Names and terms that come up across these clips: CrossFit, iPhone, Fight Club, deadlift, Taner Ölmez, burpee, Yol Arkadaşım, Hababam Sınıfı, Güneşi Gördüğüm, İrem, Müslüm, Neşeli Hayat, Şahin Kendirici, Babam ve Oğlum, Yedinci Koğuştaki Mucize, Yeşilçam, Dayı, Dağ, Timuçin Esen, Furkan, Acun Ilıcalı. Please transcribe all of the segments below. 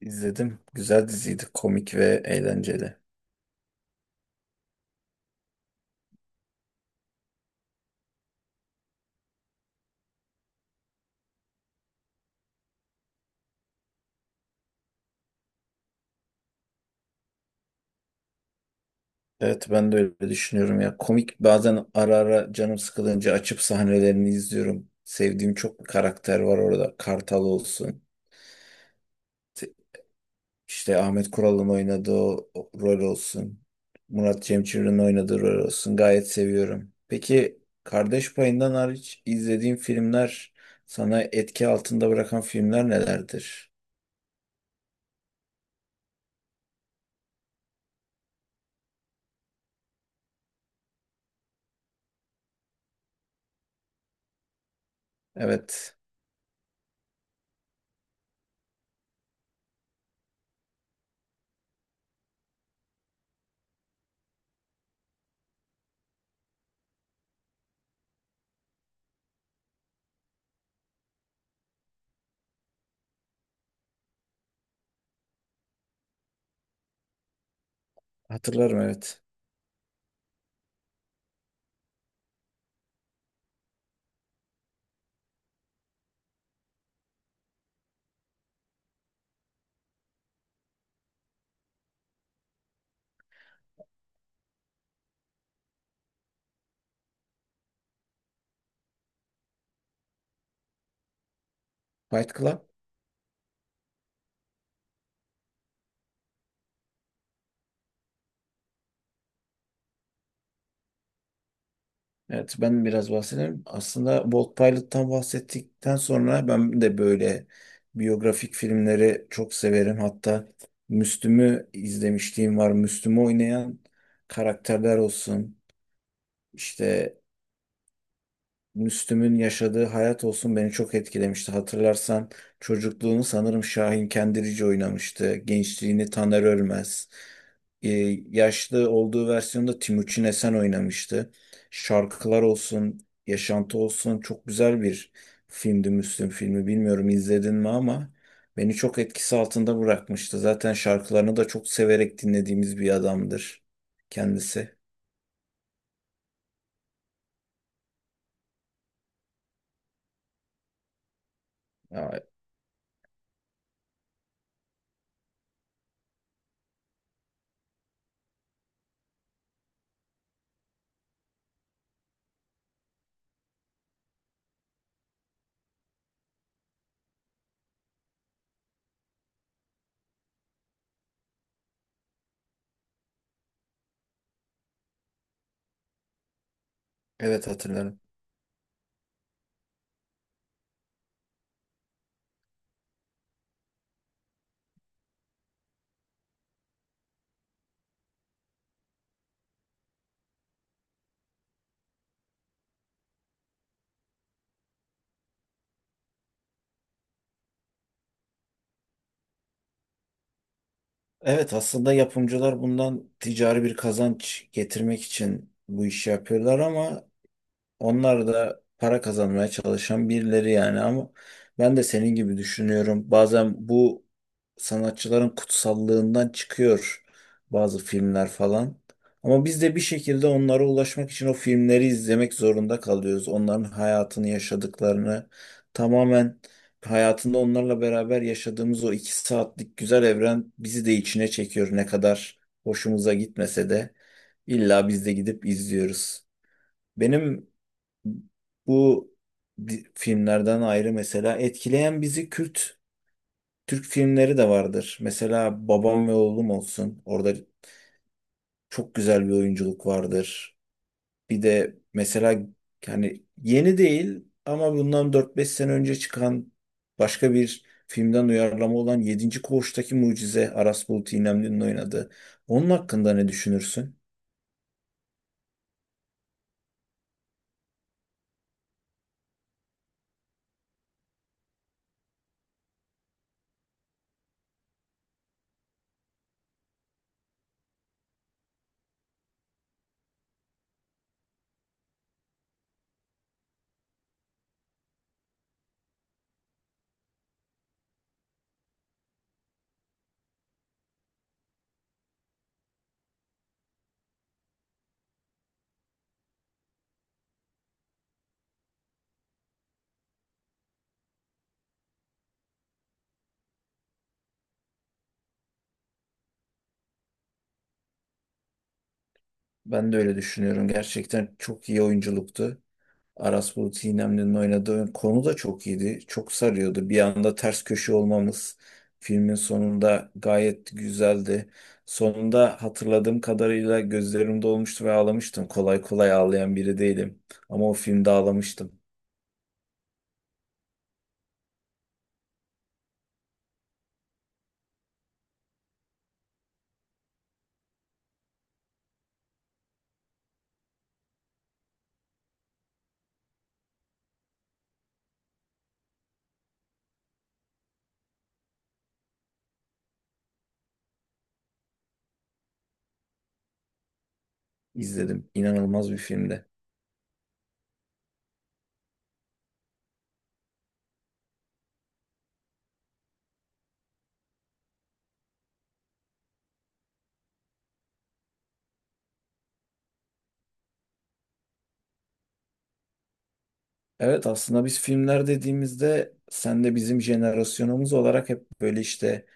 İzledim. Güzel diziydi. Komik ve eğlenceli. Evet ben de öyle düşünüyorum ya. Komik bazen ara ara canım sıkılınca açıp sahnelerini izliyorum. Sevdiğim çok karakter var orada. Kartal olsun. İşte Ahmet Kural'ın oynadığı o rol olsun. Murat Cemcir'in oynadığı rol olsun. Gayet seviyorum. Peki Kardeş Payı'ndan hariç izlediğin filmler sana etki altında bırakan filmler nelerdir? Evet. Hatırlarım evet. Fight Club. Evet ben biraz bahsedeyim. Aslında Bolt Pilot'tan bahsettikten sonra ben de böyle biyografik filmleri çok severim. Hatta Müslüm'ü izlemişliğim var. Müslüm'ü oynayan karakterler olsun. İşte Müslüm'ün yaşadığı hayat olsun beni çok etkilemişti. Hatırlarsan çocukluğunu sanırım Şahin Kendirici oynamıştı. Gençliğini Taner Ölmez. Ee, Yaşlı olduğu versiyonda Timuçin Esen oynamıştı. Şarkılar olsun, yaşantı olsun çok güzel bir filmdi Müslüm filmi. Bilmiyorum izledin mi ama beni çok etkisi altında bırakmıştı. Zaten şarkılarını da çok severek dinlediğimiz bir adamdır kendisi. Ya, evet hatırlarım. Evet, aslında yapımcılar bundan ticari bir kazanç getirmek için bu işi yapıyorlar ama onlar da para kazanmaya çalışan birileri yani. Ama ben de senin gibi düşünüyorum. Bazen bu sanatçıların kutsallığından çıkıyor bazı filmler falan. Ama biz de bir şekilde onlara ulaşmak için o filmleri izlemek zorunda kalıyoruz. Onların hayatını yaşadıklarını tamamen hayatında onlarla beraber yaşadığımız o 2 saatlik güzel evren bizi de içine çekiyor, ne kadar hoşumuza gitmese de. İlla biz de gidip izliyoruz. Benim bu filmlerden ayrı mesela etkileyen bizi Kürt Türk filmleri de vardır. Mesela Babam ve Oğlum olsun. Orada çok güzel bir oyunculuk vardır. Bir de mesela yani yeni değil ama bundan dört beş sene önce çıkan başka bir filmden uyarlama olan Yedinci Koğuştaki Mucize, Aras Bulut İynemli'nin oynadığı. Onun hakkında ne düşünürsün? Ben de öyle düşünüyorum. Gerçekten çok iyi oyunculuktu. Aras Bulut İynemli'nin oynadığı konu da çok iyiydi. Çok sarıyordu. Bir anda ters köşe olmamız filmin sonunda gayet güzeldi. Sonunda hatırladığım kadarıyla gözlerim dolmuştu ve ağlamıştım. Kolay kolay ağlayan biri değilim. Ama o filmde ağlamıştım. İzledim. İnanılmaz bir filmdi. Evet, aslında biz filmler dediğimizde sen de bizim jenerasyonumuz olarak hep böyle işte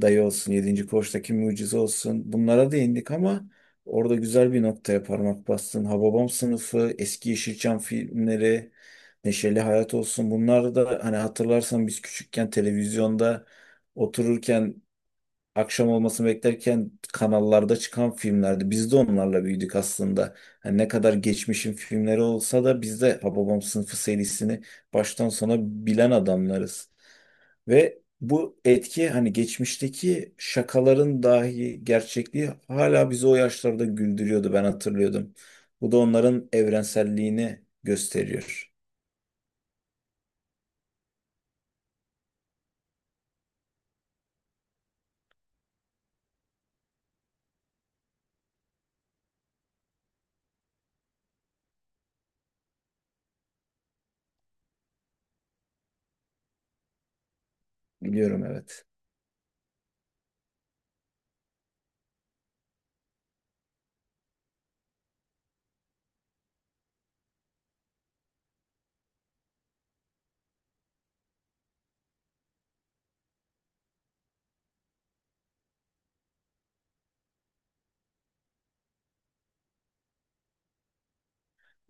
Dayı olsun, Yedinci Koç'taki Mucize olsun bunlara değindik ama orada güzel bir noktaya parmak bastın. Hababam sınıfı, eski Yeşilçam filmleri, Neşeli Hayat olsun, bunlar da hani hatırlarsan biz küçükken televizyonda otururken akşam olmasını beklerken kanallarda çıkan filmlerdi. Biz de onlarla büyüdük aslında. Yani ne kadar geçmişin filmleri olsa da biz de Hababam Sınıfı serisini baştan sona bilen adamlarız. Ve bu etki, hani geçmişteki şakaların dahi gerçekliği hala bizi o yaşlarda güldürüyordu, ben hatırlıyordum. Bu da onların evrenselliğini gösteriyor. Biliyorum, evet.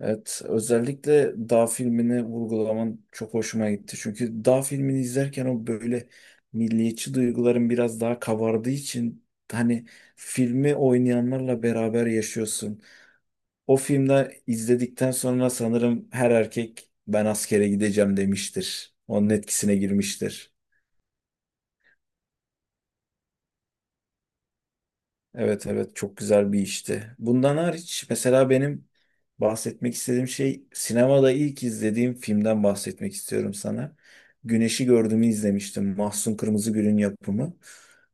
Evet, özellikle Dağ filmini vurgulaman çok hoşuma gitti. Çünkü Dağ filmini izlerken o böyle milliyetçi duyguların biraz daha kabardığı için hani filmi oynayanlarla beraber yaşıyorsun. O filmde izledikten sonra sanırım her erkek ben askere gideceğim demiştir. Onun etkisine girmiştir. Evet, evet, çok güzel bir işti. Bundan hariç mesela benim bahsetmek istediğim şey, sinemada ilk izlediğim filmden bahsetmek istiyorum sana. Güneşi Gördüğümü izlemiştim. Mahsun Kırmızıgül'ün yapımı.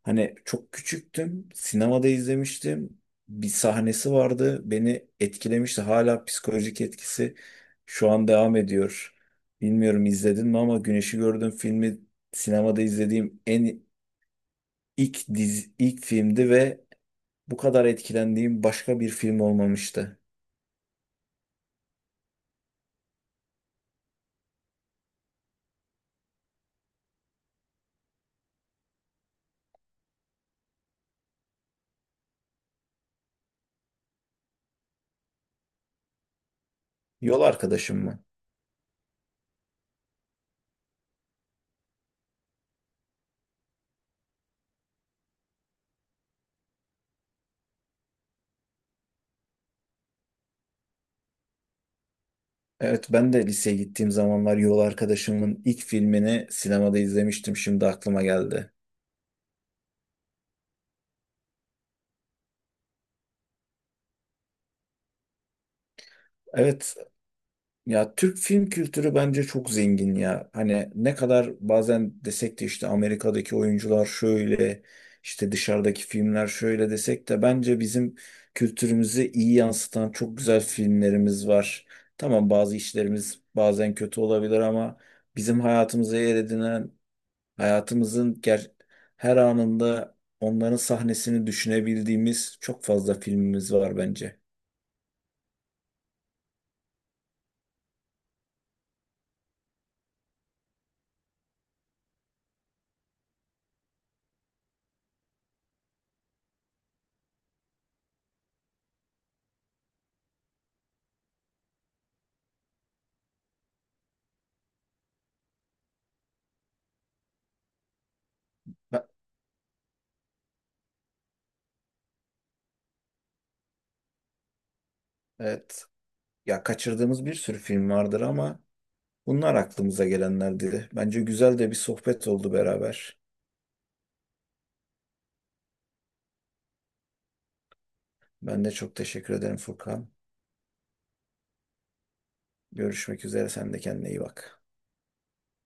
Hani çok küçüktüm. Sinemada izlemiştim. Bir sahnesi vardı. Beni etkilemişti. Hala psikolojik etkisi şu an devam ediyor. Bilmiyorum izledin mi ama Güneşi Gördüğüm filmi sinemada izlediğim en ilk dizi, ilk filmdi ve bu kadar etkilendiğim başka bir film olmamıştı. Yol Arkadaşım mı? Evet, ben de liseye gittiğim zamanlar Yol Arkadaşım'ın ilk filmini sinemada izlemiştim. Şimdi aklıma geldi. Evet. Ya Türk film kültürü bence çok zengin ya. Hani ne kadar bazen desek de işte Amerika'daki oyuncular şöyle, işte dışarıdaki filmler şöyle desek de bence bizim kültürümüzü iyi yansıtan çok güzel filmlerimiz var. Tamam, bazı işlerimiz bazen kötü olabilir ama bizim hayatımıza yer edinen, hayatımızın her anında onların sahnesini düşünebildiğimiz çok fazla filmimiz var bence. Ha, Evet. Ya kaçırdığımız bir sürü film vardır ama bunlar aklımıza gelenlerdi. Bence güzel de bir sohbet oldu beraber. Ben de çok teşekkür ederim Furkan. Görüşmek üzere. Sen de kendine iyi bak.